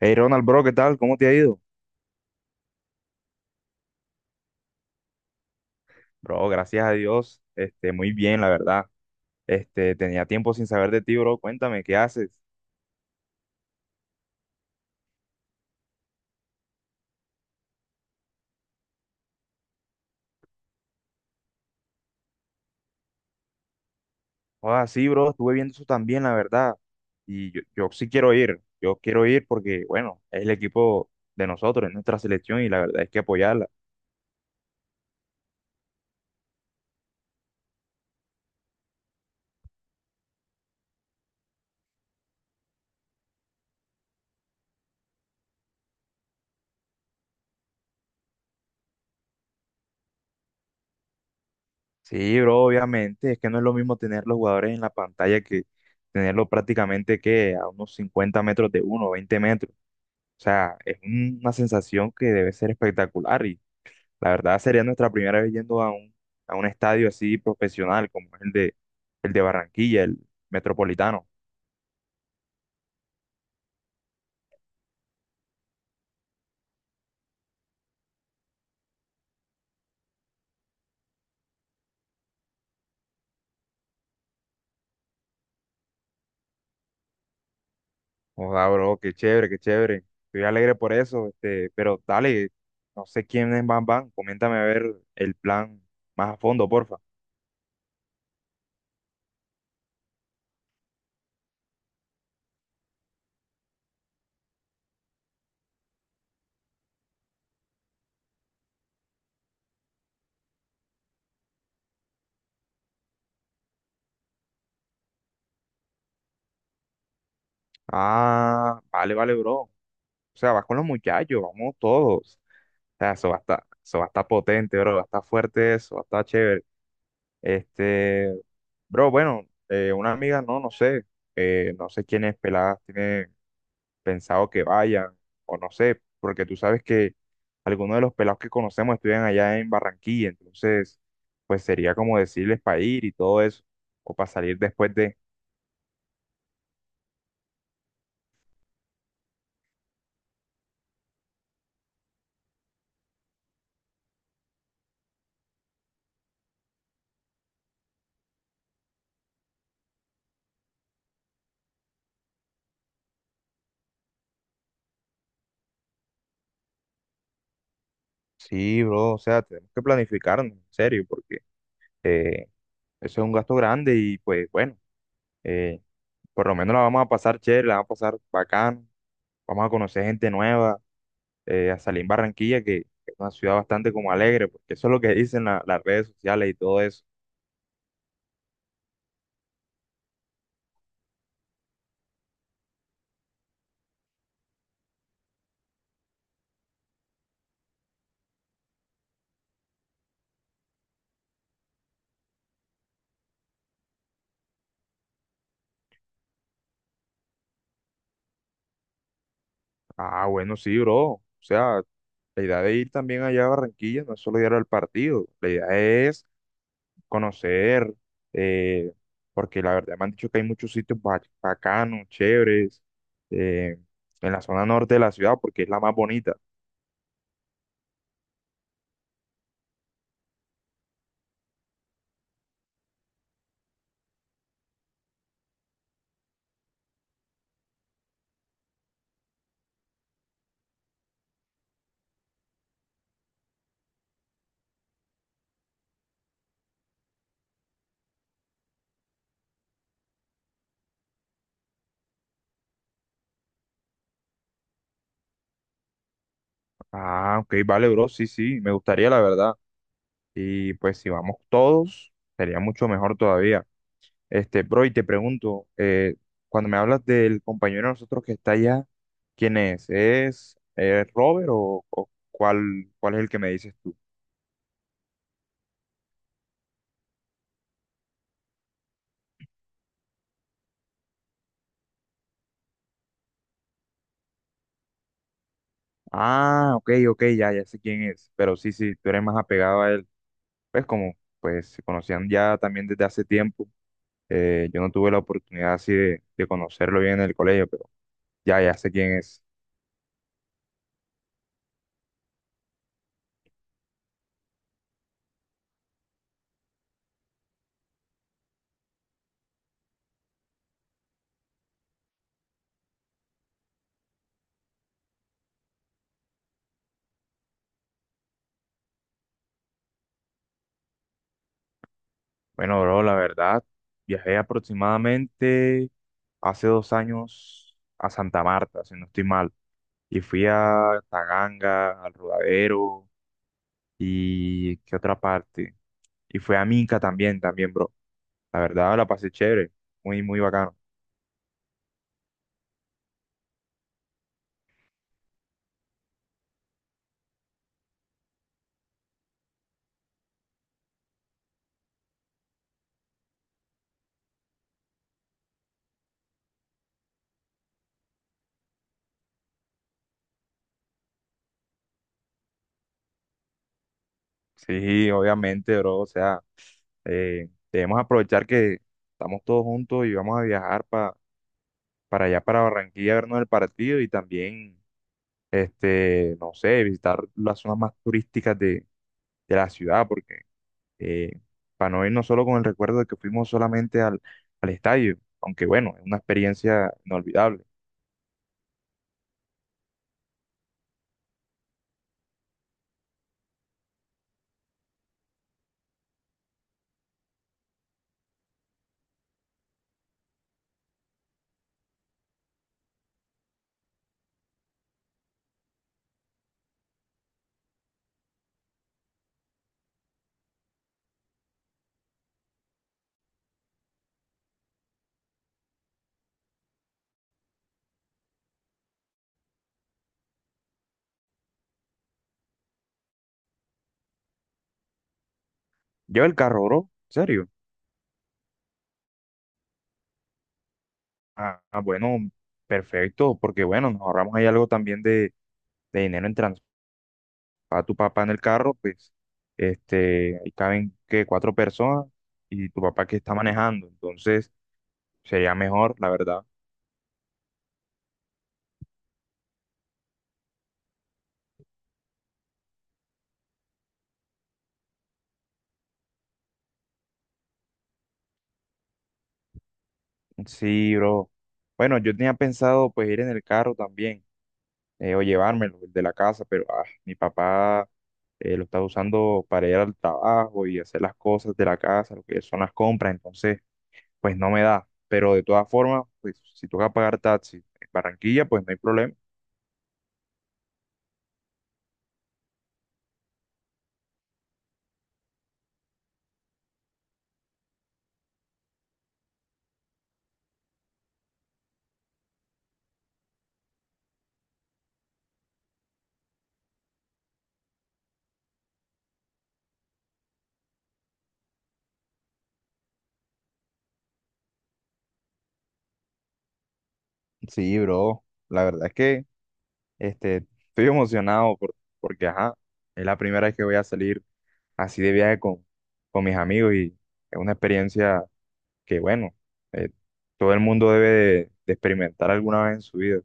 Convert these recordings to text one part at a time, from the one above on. Hey Ronald, bro, ¿qué tal? ¿Cómo te ha ido? Bro, gracias a Dios, muy bien, la verdad. Tenía tiempo sin saber de ti, bro. Cuéntame, ¿qué haces? Ah, sí, bro, estuve viendo eso también, la verdad. Y yo sí quiero ir, yo quiero ir porque, bueno, es el equipo de nosotros, es nuestra selección y la verdad es que apoyarla. Sí, bro, obviamente, es que no es lo mismo tener los jugadores en la pantalla que tenerlos prácticamente que a unos 50 metros de uno, 20 metros. O sea, es una sensación que debe ser espectacular. La verdad sería nuestra primera vez yendo a un estadio así profesional como es el de Barranquilla, el Metropolitano. Joda, bro, qué chévere, qué chévere. Estoy alegre por eso, pero dale, no sé quiénes van. Coméntame a ver el plan más a fondo, porfa. Ah, vale, vale, bro. O sea, vas con los muchachos, vamos todos. O sea, eso va a estar potente, bro. Va a estar fuerte eso, va a estar chévere. Este, bro, bueno, una amiga, no, no sé, no sé quiénes peladas tiene pensado que vayan, o no sé, porque tú sabes que algunos de los pelados que conocemos estudian allá en Barranquilla, entonces, pues sería como decirles para ir y todo eso, o para salir después de... Sí, bro, o sea, tenemos que planificarnos, en serio, porque eh, eso es un gasto grande y pues bueno, eh, por lo menos la vamos a pasar chévere, la vamos a pasar bacán, vamos a conocer gente nueva a Salín Barranquilla, que es una ciudad bastante como alegre, porque eso es lo que dicen las redes sociales y todo eso. Ah, bueno, sí, bro. O sea, la idea de ir también allá a Barranquilla no es solo ir al partido, la idea es conocer, eh, porque la verdad me han dicho que hay muchos sitios bacanos, chéveres, eh, en la zona norte de la ciudad, porque es la más bonita. Ah, ok, vale, bro, sí, sí, me gustaría la verdad. Y pues si vamos todos, sería mucho mejor todavía. Bro, y te pregunto, cuando me hablas del compañero de nosotros que está allá, ¿quién es? ¿Es Robert o cuál es el que me dices tú? Ah, ok, ok, ya, ya sé quién es, pero sí, sí, tú eres más apegado a él. Pues como, pues se conocían ya también desde hace tiempo, yo no tuve la oportunidad así de conocerlo bien en el colegio, pero ya, ya sé quién es. Bueno, bro, la verdad, viajé aproximadamente hace 2 años a Santa Marta, si no estoy mal. Y fui a Taganga, al Rodadero y qué otra parte. Y fui a Minca también, también, bro. La verdad la pasé chévere, muy, muy bacano. Sí, obviamente, bro. O sea, debemos aprovechar que estamos todos juntos y vamos a viajar para allá, para Barranquilla, a vernos el partido y también, no sé, visitar las zonas más turísticas de la ciudad, porque eh, para no irnos solo con el recuerdo de que fuimos solamente al estadio, aunque bueno, es una experiencia inolvidable. Lleva el carro, bro, ¿en serio? Ah, ah, bueno, perfecto, porque bueno, nos ahorramos ahí algo también de dinero en transporte. Para tu papá en el carro, pues, ahí caben, que cuatro personas y tu papá que está manejando, entonces sería mejor, la verdad. Sí, bro. Bueno, yo tenía pensado pues ir en el carro también. O llevármelo el de la casa, pero ah, mi papá lo está usando para ir al trabajo y hacer las cosas de la casa, lo que son las compras, entonces pues no me da. Pero de todas formas, pues si toca pagar taxi en Barranquilla, pues no hay problema. Sí, bro, la verdad es que estoy emocionado porque, ajá, es la primera vez que voy a salir así de viaje con mis amigos y es una experiencia que, bueno, eh, todo el mundo debe de experimentar alguna vez en su vida.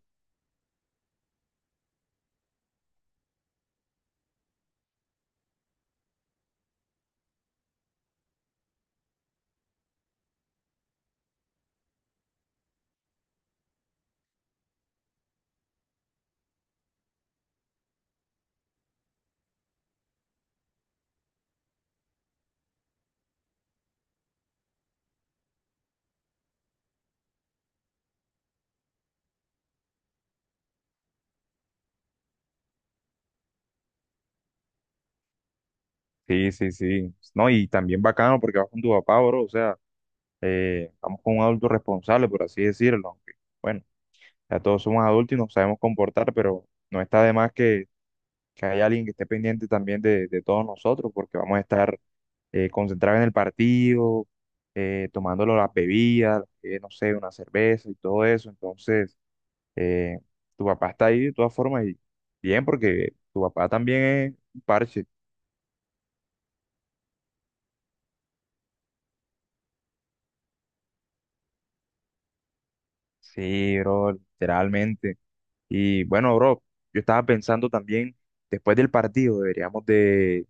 Sí, sí, sí. No, y también bacano porque vas con tu papá, bro. O sea, vamos con un adulto responsable, por así decirlo. Aunque, bueno, ya todos somos adultos y nos sabemos comportar, pero no está de más que haya alguien que esté pendiente también de todos nosotros, porque vamos a estar concentrados en el partido, tomándolo las bebidas, no sé, una cerveza y todo eso. Entonces, eh, tu papá está ahí de todas formas y bien, porque tu papá también es un parche. Sí, bro, literalmente. Y bueno, bro, yo estaba pensando también, después del partido deberíamos de,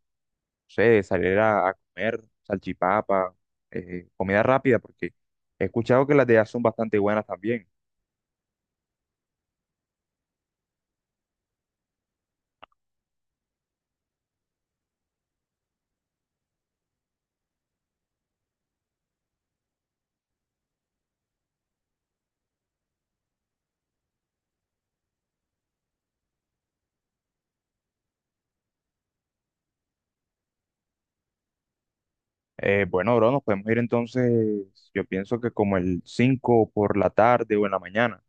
no sé, de salir a comer salchipapa, comida rápida, porque he escuchado que las de allá son bastante buenas también. Bueno, bro, nos podemos ir entonces, yo pienso que como el 5 por la tarde o en la mañana.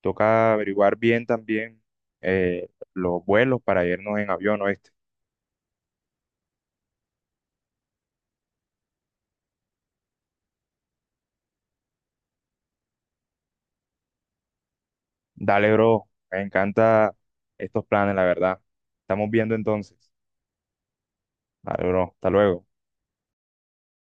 Toca averiguar bien también los vuelos para irnos en avión, o. Dale, bro, me encanta estos planes, la verdad. Estamos viendo entonces. Dale, bro, hasta luego.